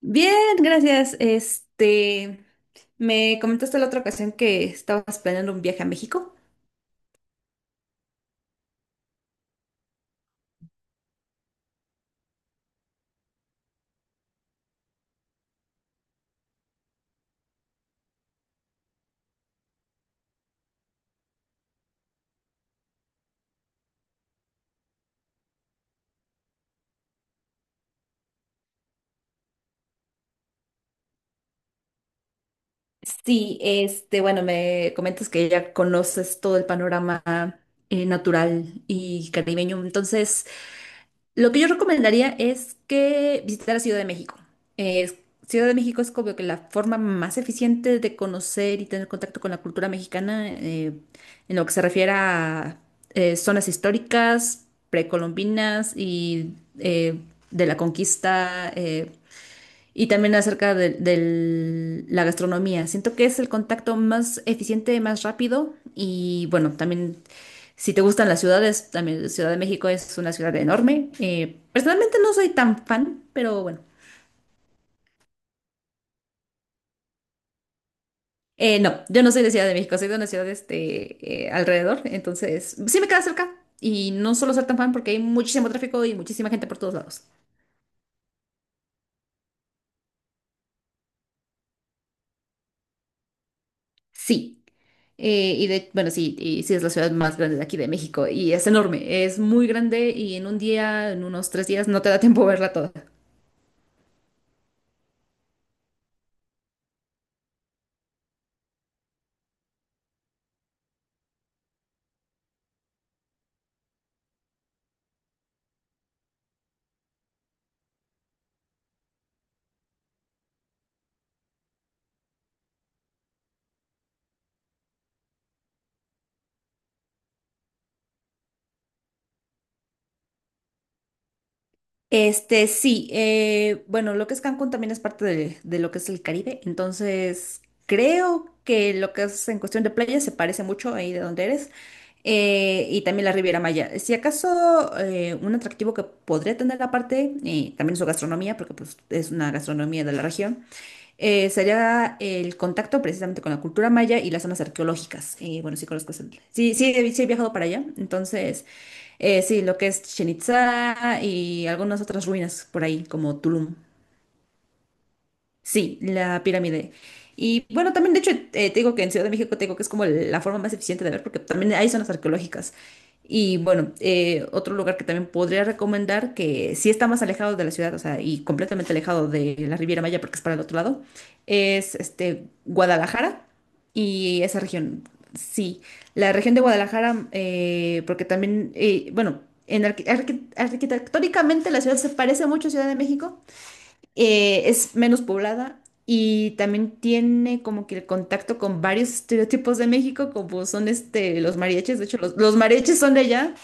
Bien, gracias. Me comentaste la otra ocasión que estabas planeando un viaje a México. Sí, bueno, me comentas que ya conoces todo el panorama natural y caribeño. Entonces, lo que yo recomendaría es que visitara Ciudad de México. Eh, Ciudad de México es como que la forma más eficiente de conocer y tener contacto con la cultura mexicana, en lo que se refiere a zonas históricas, precolombinas y eh, de la conquista. Y también acerca la gastronomía. Siento que es el contacto más eficiente, más rápido. Y bueno, también si te gustan las ciudades, también Ciudad de México es una ciudad enorme. Personalmente no soy tan fan, pero bueno. No, yo no soy de Ciudad de México, soy de una ciudad alrededor. Entonces, sí me queda cerca. Y no solo ser tan fan porque hay muchísimo tráfico y muchísima gente por todos lados. Sí. Y bueno, sí, y sí es la ciudad más grande de aquí de México y es enorme, es muy grande y en un día, en unos 3 días, no te da tiempo verla toda. Sí, bueno, lo que es Cancún también es parte de lo que es el Caribe, entonces creo que lo que es en cuestión de playa se parece mucho ahí de donde eres, y también la Riviera Maya. Si acaso un atractivo que podría tener aparte, también su gastronomía, porque pues, es una gastronomía de la región, sería el contacto precisamente con la cultura maya y las zonas arqueológicas. Y bueno, sí conozco. Sí, sí, sí he viajado para allá. Entonces, sí, lo que es Chichén Itzá y algunas otras ruinas por ahí, como Tulum. Sí, la pirámide. Y bueno, también, de hecho, te digo que en Ciudad de México te digo que es como la forma más eficiente de ver, porque también hay zonas arqueológicas. Y bueno, otro lugar que también podría recomendar, que sí está más alejado de la ciudad, o sea, y completamente alejado de la Riviera Maya, porque es para el otro lado, es este Guadalajara y esa región. Sí, la región de Guadalajara, porque también, bueno, en arquitectónicamente la ciudad se parece mucho a Ciudad de México, es menos poblada y también tiene como que el contacto con varios estereotipos de México, como son este, los mariachis, de hecho los mariachis son de allá.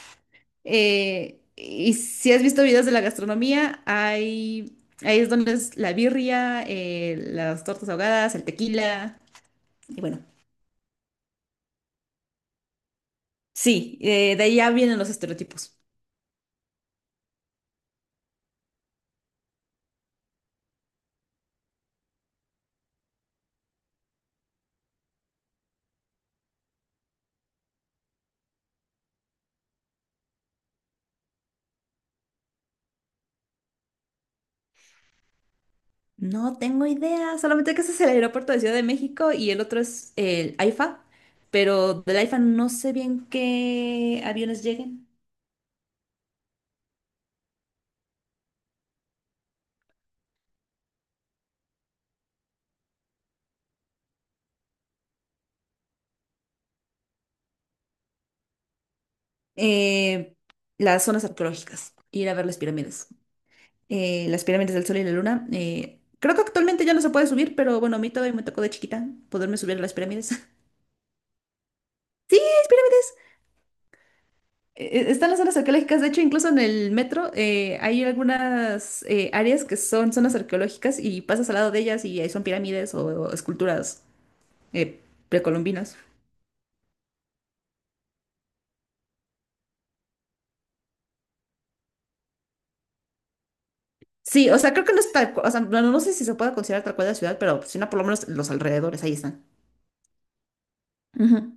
Y si has visto videos de la gastronomía, hay, ahí es donde es la birria, las tortas ahogadas, el tequila, y bueno, sí, de allá vienen los estereotipos. No tengo idea, solamente que ese es el aeropuerto de Ciudad de México y el otro es el AIFA, pero del AIFA no sé bien qué aviones lleguen. Eh, las zonas arqueológicas, ir a ver las pirámides del Sol y la Luna. Creo que actualmente ya no se puede subir, pero bueno, a mí todavía me tocó de chiquita poderme subir a las pirámides. Sí, es pirámides. Están las zonas arqueológicas, de hecho, incluso en el metro hay algunas áreas que son zonas arqueológicas y pasas al lado de ellas y ahí son pirámides o esculturas eh, precolombinas. Sí, o sea, creo que no está, o sea, no, no sé si se puede considerar tal cual la ciudad, pero si no, por lo menos los alrededores, ahí están. Ujú.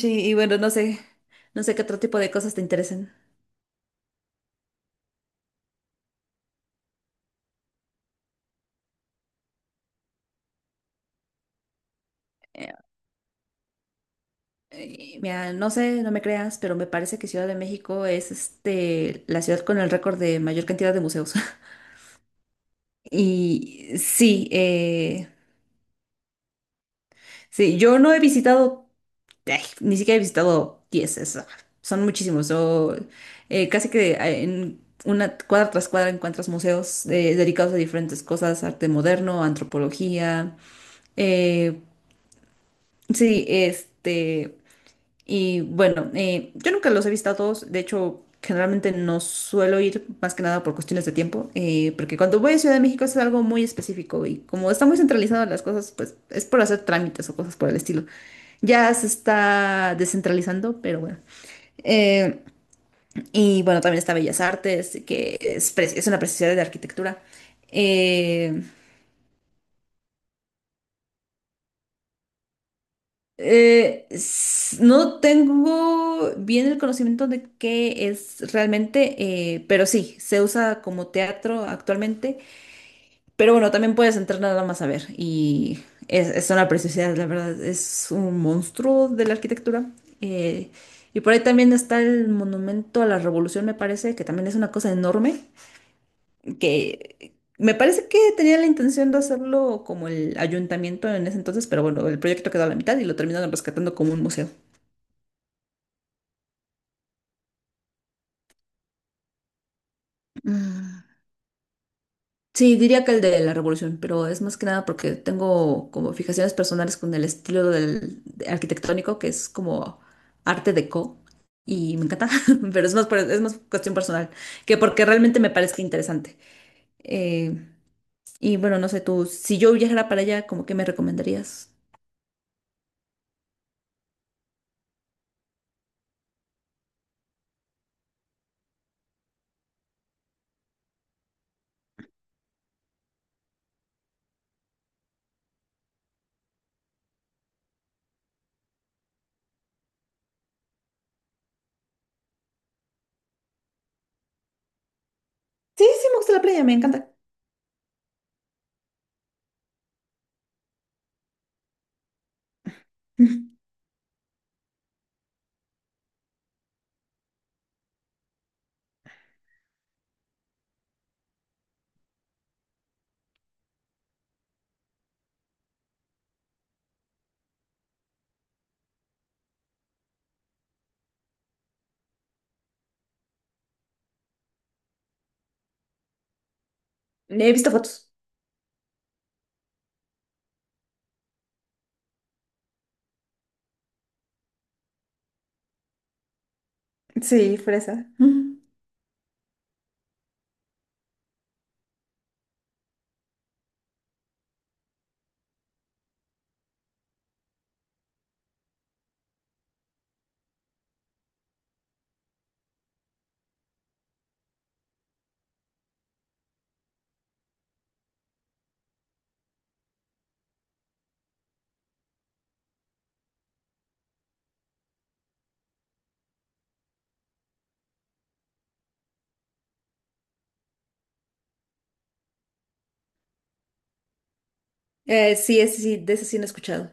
Sí, y bueno, no sé, no sé qué otro tipo de cosas te interesen. Eh, Mira, no sé, no me creas, pero me parece que Ciudad de México es este, la ciudad con el récord de mayor cantidad de museos. Y sí, sí, yo no he visitado, ay, ni siquiera he visitado 10 es, ah, son muchísimos. Yo, casi que en una cuadra tras cuadra encuentras museos dedicados a diferentes cosas, arte moderno, antropología. eh, sí, Y bueno, yo nunca los he visto a todos, de hecho, generalmente no suelo ir más que nada por cuestiones de tiempo, porque cuando voy a Ciudad de México es algo muy específico y como está muy centralizado las cosas, pues es por hacer trámites o cosas por el estilo. Ya se está descentralizando, pero bueno. Eh, y bueno, también está Bellas Artes, que es una preciosidad de arquitectura. Eh, no tengo bien el conocimiento de qué es realmente, pero sí, se usa como teatro actualmente. Pero bueno, también puedes entrar nada más a ver. Y es una preciosidad, la verdad. Es un monstruo de la arquitectura. Eh, y por ahí también está el monumento a la Revolución, me parece, que también es una cosa enorme. Que me parece que tenía la intención de hacerlo como el ayuntamiento en ese entonces, pero bueno, el proyecto quedó a la mitad y lo terminaron rescatando como un museo. Mm, sí, diría que el de la Revolución, pero es más que nada porque tengo como fijaciones personales con el estilo arquitectónico, que es como arte deco, y me encanta, pero es más, es más cuestión personal que porque realmente me parezca interesante. Eh, y bueno, no sé tú, si yo viajara para allá, ¿cómo que me recomendarías? Sí, sí, me gusta la playa, me encanta. He visto fotos. Sí, fresa. Mm. Sí, ese sí, de ese sí no he escuchado.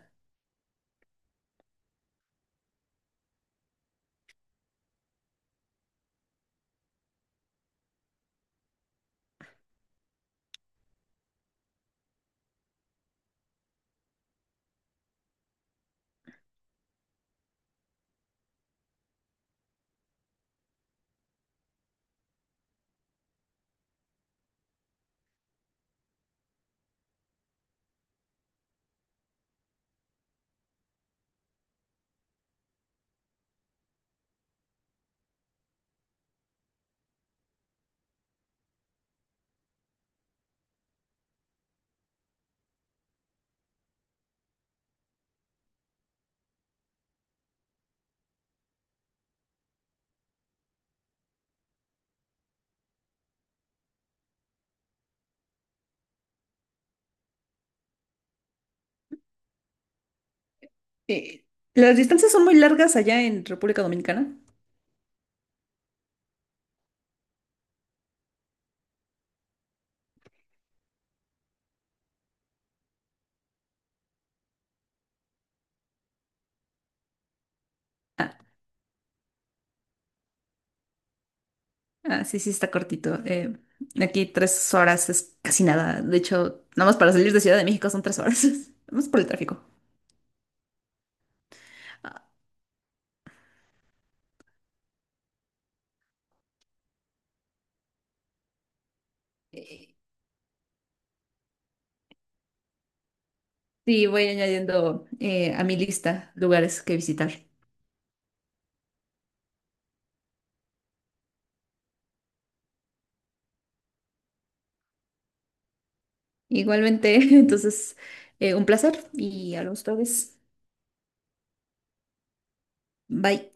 Eh, ¿Las distancias son muy largas allá en República Dominicana? Ah, sí, sí, está cortito. Aquí 3 horas es casi nada. De hecho, nada más para salir de Ciudad de México son 3 horas. Vamos por el tráfico. Ah, eh, Sí, voy añadiendo a mi lista lugares que visitar. Igualmente, entonces, un placer y hablamos otra vez. Bye.